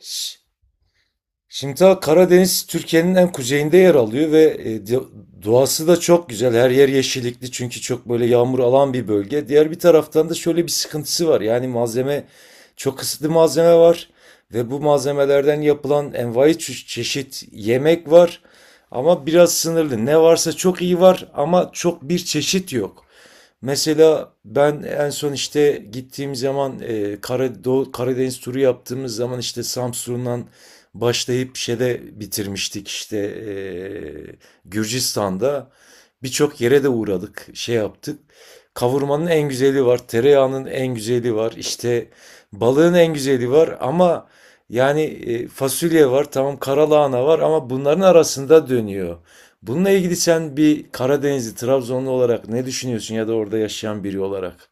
Ş- Şimdital Karadeniz Türkiye'nin en kuzeyinde yer alıyor ve doğası da çok güzel. Her yer yeşillikli, çünkü çok böyle yağmur alan bir bölge. Diğer bir taraftan da şöyle bir sıkıntısı var. Yani malzeme çok kısıtlı, malzeme var ve bu malzemelerden yapılan envai çeşit yemek var. Ama biraz sınırlı. Ne varsa çok iyi var ama çok bir çeşit yok. Mesela ben en son işte gittiğim zaman, Karadeniz turu yaptığımız zaman işte Samsun'dan başlayıp şeyde bitirmiştik, işte Gürcistan'da birçok yere de uğradık, şey yaptık. Kavurmanın en güzeli var, tereyağının en güzeli var, işte balığın en güzeli var ama yani fasulye var, tamam, karalahana var ama bunların arasında dönüyor. Bununla ilgili sen bir Karadenizli, Trabzonlu olarak ne düşünüyorsun ya da orada yaşayan biri olarak?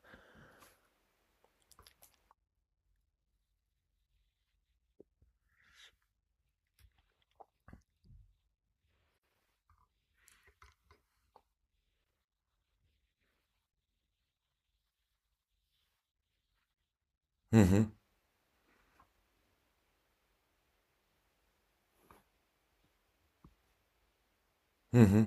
Hı hı, hı hı.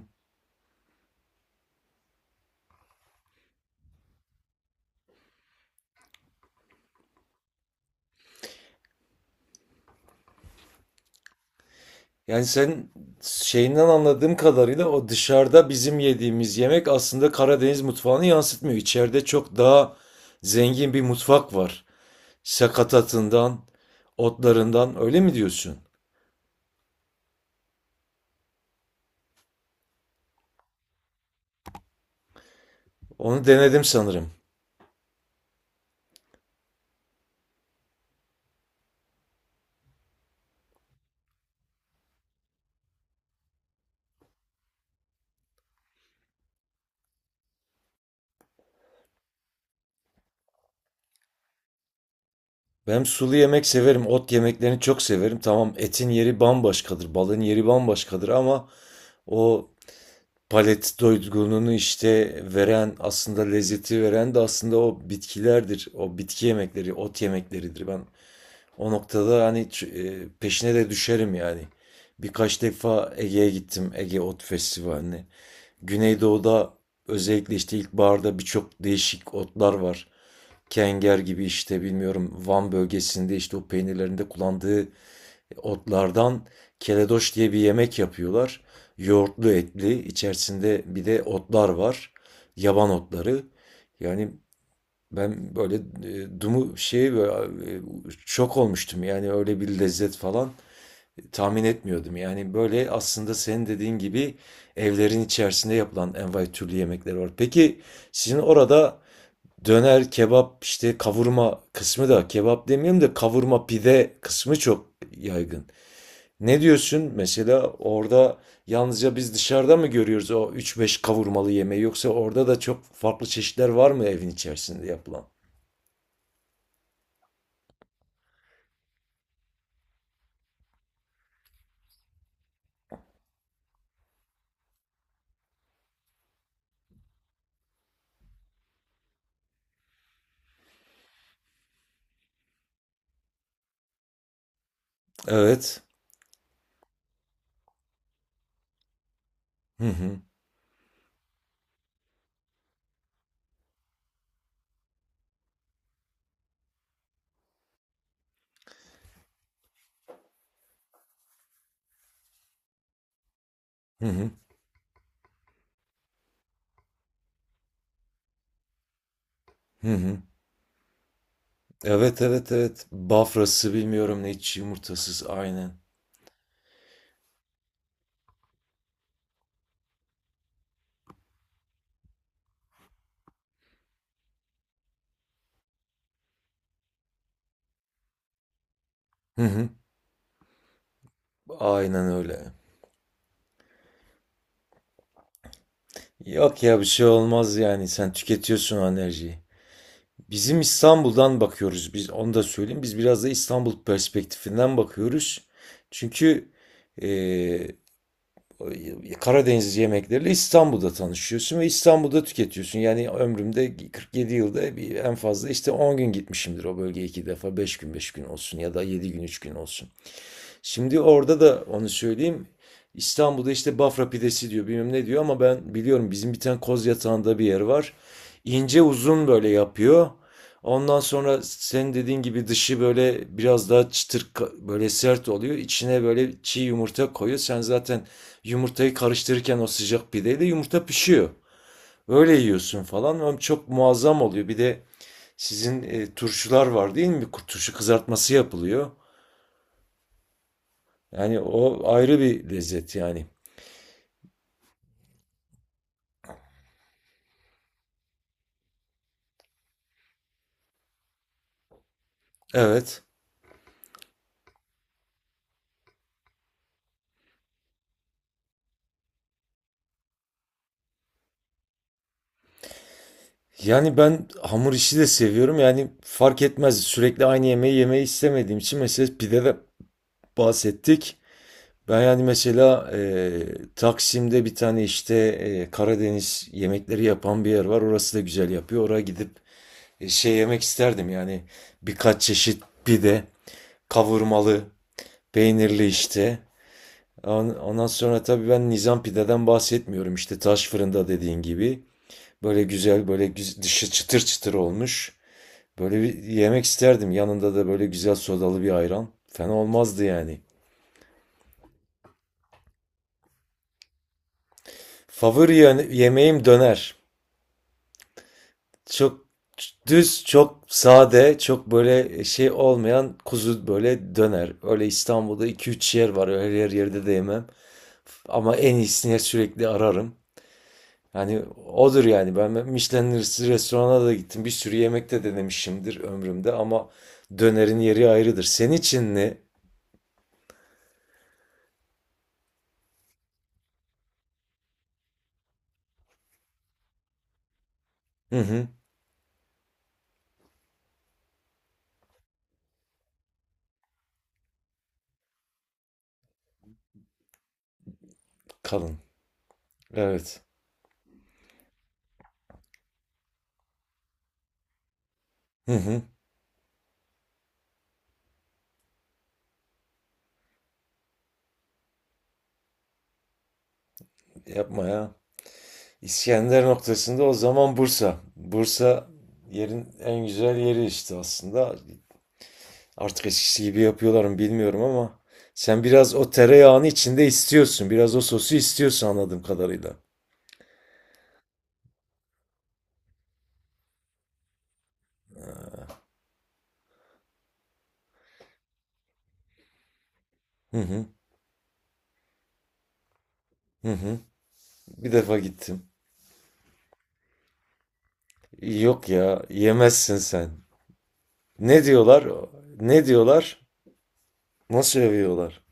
Yani sen şeyinden anladığım kadarıyla o dışarıda bizim yediğimiz yemek aslında Karadeniz mutfağını yansıtmıyor. İçeride çok daha zengin bir mutfak var. Sakatatından, otlarından öyle mi diyorsun? Onu denedim sanırım. Ben sulu yemek severim, ot yemeklerini çok severim. Tamam, etin yeri bambaşkadır, balığın yeri bambaşkadır ama o palet doygunluğunu, işte, veren, aslında lezzeti veren de aslında o bitkilerdir. O bitki yemekleri, ot yemekleridir. Ben o noktada, hani, peşine de düşerim, yani. Birkaç defa Ege'ye gittim, Ege Ot Festivali'ne. Güneydoğu'da özellikle, işte, ilkbaharda birçok değişik otlar var. Kenger gibi, işte, bilmiyorum, Van bölgesinde, işte, o peynirlerinde kullandığı otlardan keledoş diye bir yemek yapıyorlar. Yoğurtlu, etli, içerisinde bir de otlar var. Yaban otları. Yani ben böyle e, dumu şey böyle e, şok olmuştum. Yani öyle bir lezzet falan tahmin etmiyordum. Yani böyle aslında senin dediğin gibi evlerin içerisinde yapılan envai türlü yemekler var. Peki sizin orada döner, kebap, işte kavurma kısmı, da kebap demeyeyim de kavurma pide kısmı çok yaygın. Ne diyorsun? Mesela orada yalnızca biz dışarıda mı görüyoruz o üç beş kavurmalı yemeği, yoksa orada da çok farklı çeşitler var mı evin içerisinde yapılan? Evet. Hı hı. Hı hı. Hı hı. Evet, evet, evet. Bafrası bilmiyorum ne, hiç yumurtasız, aynen. Hı hı. Aynen öyle. Yok ya, bir şey olmaz yani, sen tüketiyorsun o enerjiyi. Bizim İstanbul'dan bakıyoruz, biz onu da söyleyeyim. Biz biraz da İstanbul perspektifinden bakıyoruz. Çünkü Karadeniz yemekleriyle İstanbul'da tanışıyorsun ve İstanbul'da tüketiyorsun. Yani ömrümde 47 yılda en fazla işte 10 gün gitmişimdir o bölgeye iki defa. 5 gün 5 gün olsun ya da 7 gün 3 gün olsun. Şimdi orada da onu söyleyeyim. İstanbul'da işte Bafra pidesi diyor, bilmem ne diyor ama ben biliyorum, bizim bir tane koz yatağında bir yer var. İnce uzun böyle yapıyor. Ondan sonra senin dediğin gibi dışı böyle biraz daha çıtır, böyle sert oluyor. İçine böyle çiğ yumurta koyuyor. Sen zaten yumurtayı karıştırırken o sıcak pideyle yumurta pişiyor. Öyle yiyorsun falan. Ama çok muazzam oluyor. Bir de sizin turşular var değil mi? Turşu kızartması yapılıyor. Yani o ayrı bir lezzet yani. Evet. Yani ben hamur işi de seviyorum. Yani fark etmez. Sürekli aynı yemeği yemeyi istemediğim için mesela pide de bahsettik. Ben yani mesela Taksim'de bir tane işte Karadeniz yemekleri yapan bir yer var. Orası da güzel yapıyor. Oraya gidip şey yemek isterdim. Yani birkaç çeşit pide, kavurmalı, peynirli işte. Ondan sonra tabii ben Nizam pideden bahsetmiyorum. İşte taş fırında dediğin gibi. Böyle güzel, böyle güz dışı çıtır çıtır olmuş. Böyle bir yemek isterdim. Yanında da böyle güzel sodalı bir ayran. Fena olmazdı yani. Favori yemeğim döner. Çok düz, çok sade, çok böyle şey olmayan kuzu böyle döner. Öyle İstanbul'da iki üç yer var. Öyle her yerde de yemem. Ama en iyisini sürekli ararım. Yani odur yani. Ben Michelin restorana da gittim. Bir sürü yemek de denemişimdir ömrümde ama dönerin yeri ayrıdır. Senin için ne? Hı hı. Kalın. Evet. Hı hı. Yapma ya. İskender noktasında o zaman Bursa. Bursa yerin en güzel yeri işte aslında. Artık eskisi gibi yapıyorlar mı bilmiyorum ama sen biraz o tereyağını içinde istiyorsun. Biraz o sosu istiyorsun anladığım kadarıyla. Hı hı. Hı hı. Bir defa gittim. Yok ya, yemezsin sen. Ne diyorlar? Ne diyorlar? Nasıl övüyorlar?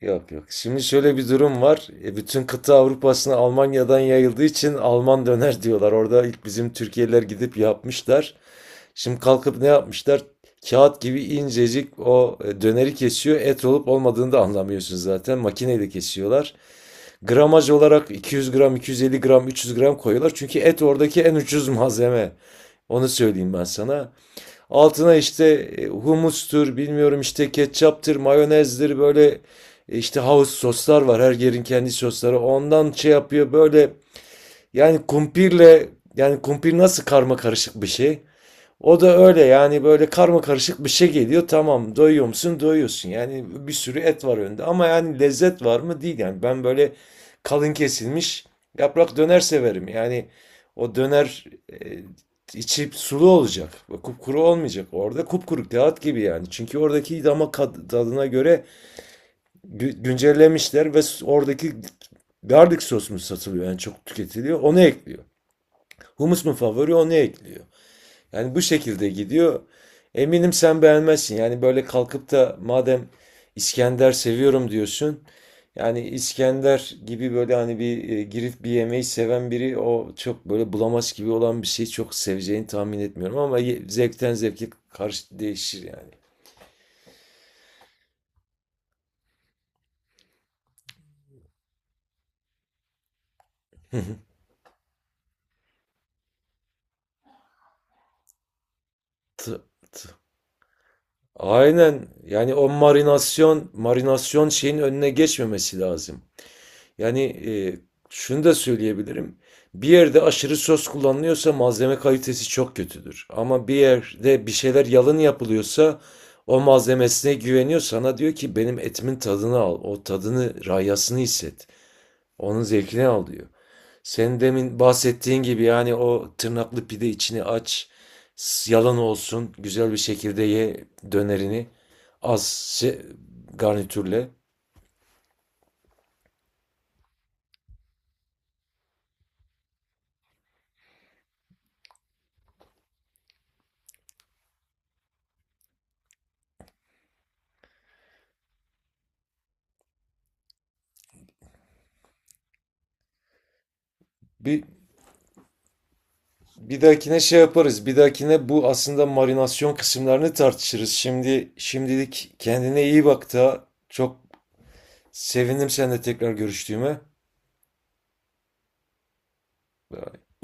Yok, yok. Şimdi şöyle bir durum var. Bütün kıta Avrupa'sına Almanya'dan yayıldığı için Alman döner diyorlar. Orada ilk bizim Türkiye'liler gidip yapmışlar. Şimdi kalkıp ne yapmışlar? Kağıt gibi incecik o döneri kesiyor. Et olup olmadığını da anlamıyorsun zaten. Makineyle kesiyorlar. Gramaj olarak 200 gram, 250 gram, 300 gram koyuyorlar. Çünkü et oradaki en ucuz malzeme. Onu söyleyeyim ben sana. Altına işte humustur, bilmiyorum, işte ketçaptır, mayonezdir, böyle işte house soslar var. Her yerin kendi sosları. Ondan şey yapıyor böyle, yani kumpirle, yani kumpir nasıl karma karışık bir şey. O da öyle yani, böyle karma karışık bir şey geliyor. Tamam, doyuyor musun? Doyuyorsun. Yani bir sürü et var önünde ama yani lezzet var mı? Değil yani. Ben böyle kalın kesilmiş yaprak döner severim. Yani o döner e, içi sulu olacak. Kupkuru olmayacak. Orada kupkuru kağıt gibi yani. Çünkü oradaki damak tadına göre güncellemişler ve oradaki garlic sos mu satılıyor yani, çok tüketiliyor. Onu ekliyor. Humus mu favori, onu ekliyor. Yani bu şekilde gidiyor. Eminim sen beğenmezsin. Yani böyle kalkıp da, madem İskender seviyorum diyorsun. Yani İskender gibi böyle, hani, bir girip bir yemeği seven biri o çok böyle bulamaz gibi olan bir şeyi çok seveceğini tahmin etmiyorum ama zevkten zevke karşı değişir yani. T- Aynen, yani o marinasyon şeyin önüne geçmemesi lazım. Yani şunu da söyleyebilirim. Bir yerde aşırı söz kullanılıyorsa malzeme kalitesi çok kötüdür. Ama bir yerde bir şeyler yalın yapılıyorsa o malzemesine güveniyor. Sana diyor ki benim etimin tadını al. O tadını, rayasını hisset. Onun zevkini al diyor. Senin demin bahsettiğin gibi yani o tırnaklı pide içini aç. Yalan olsun. Güzel bir şekilde ye dönerini. Az se- garnitürle. Bir Bir dahakine şey yaparız. Bir dahakine bu aslında marinasyon kısımlarını tartışırız. Şimdi şimdilik kendine iyi bak, da çok sevindim seninle tekrar görüştüğüme.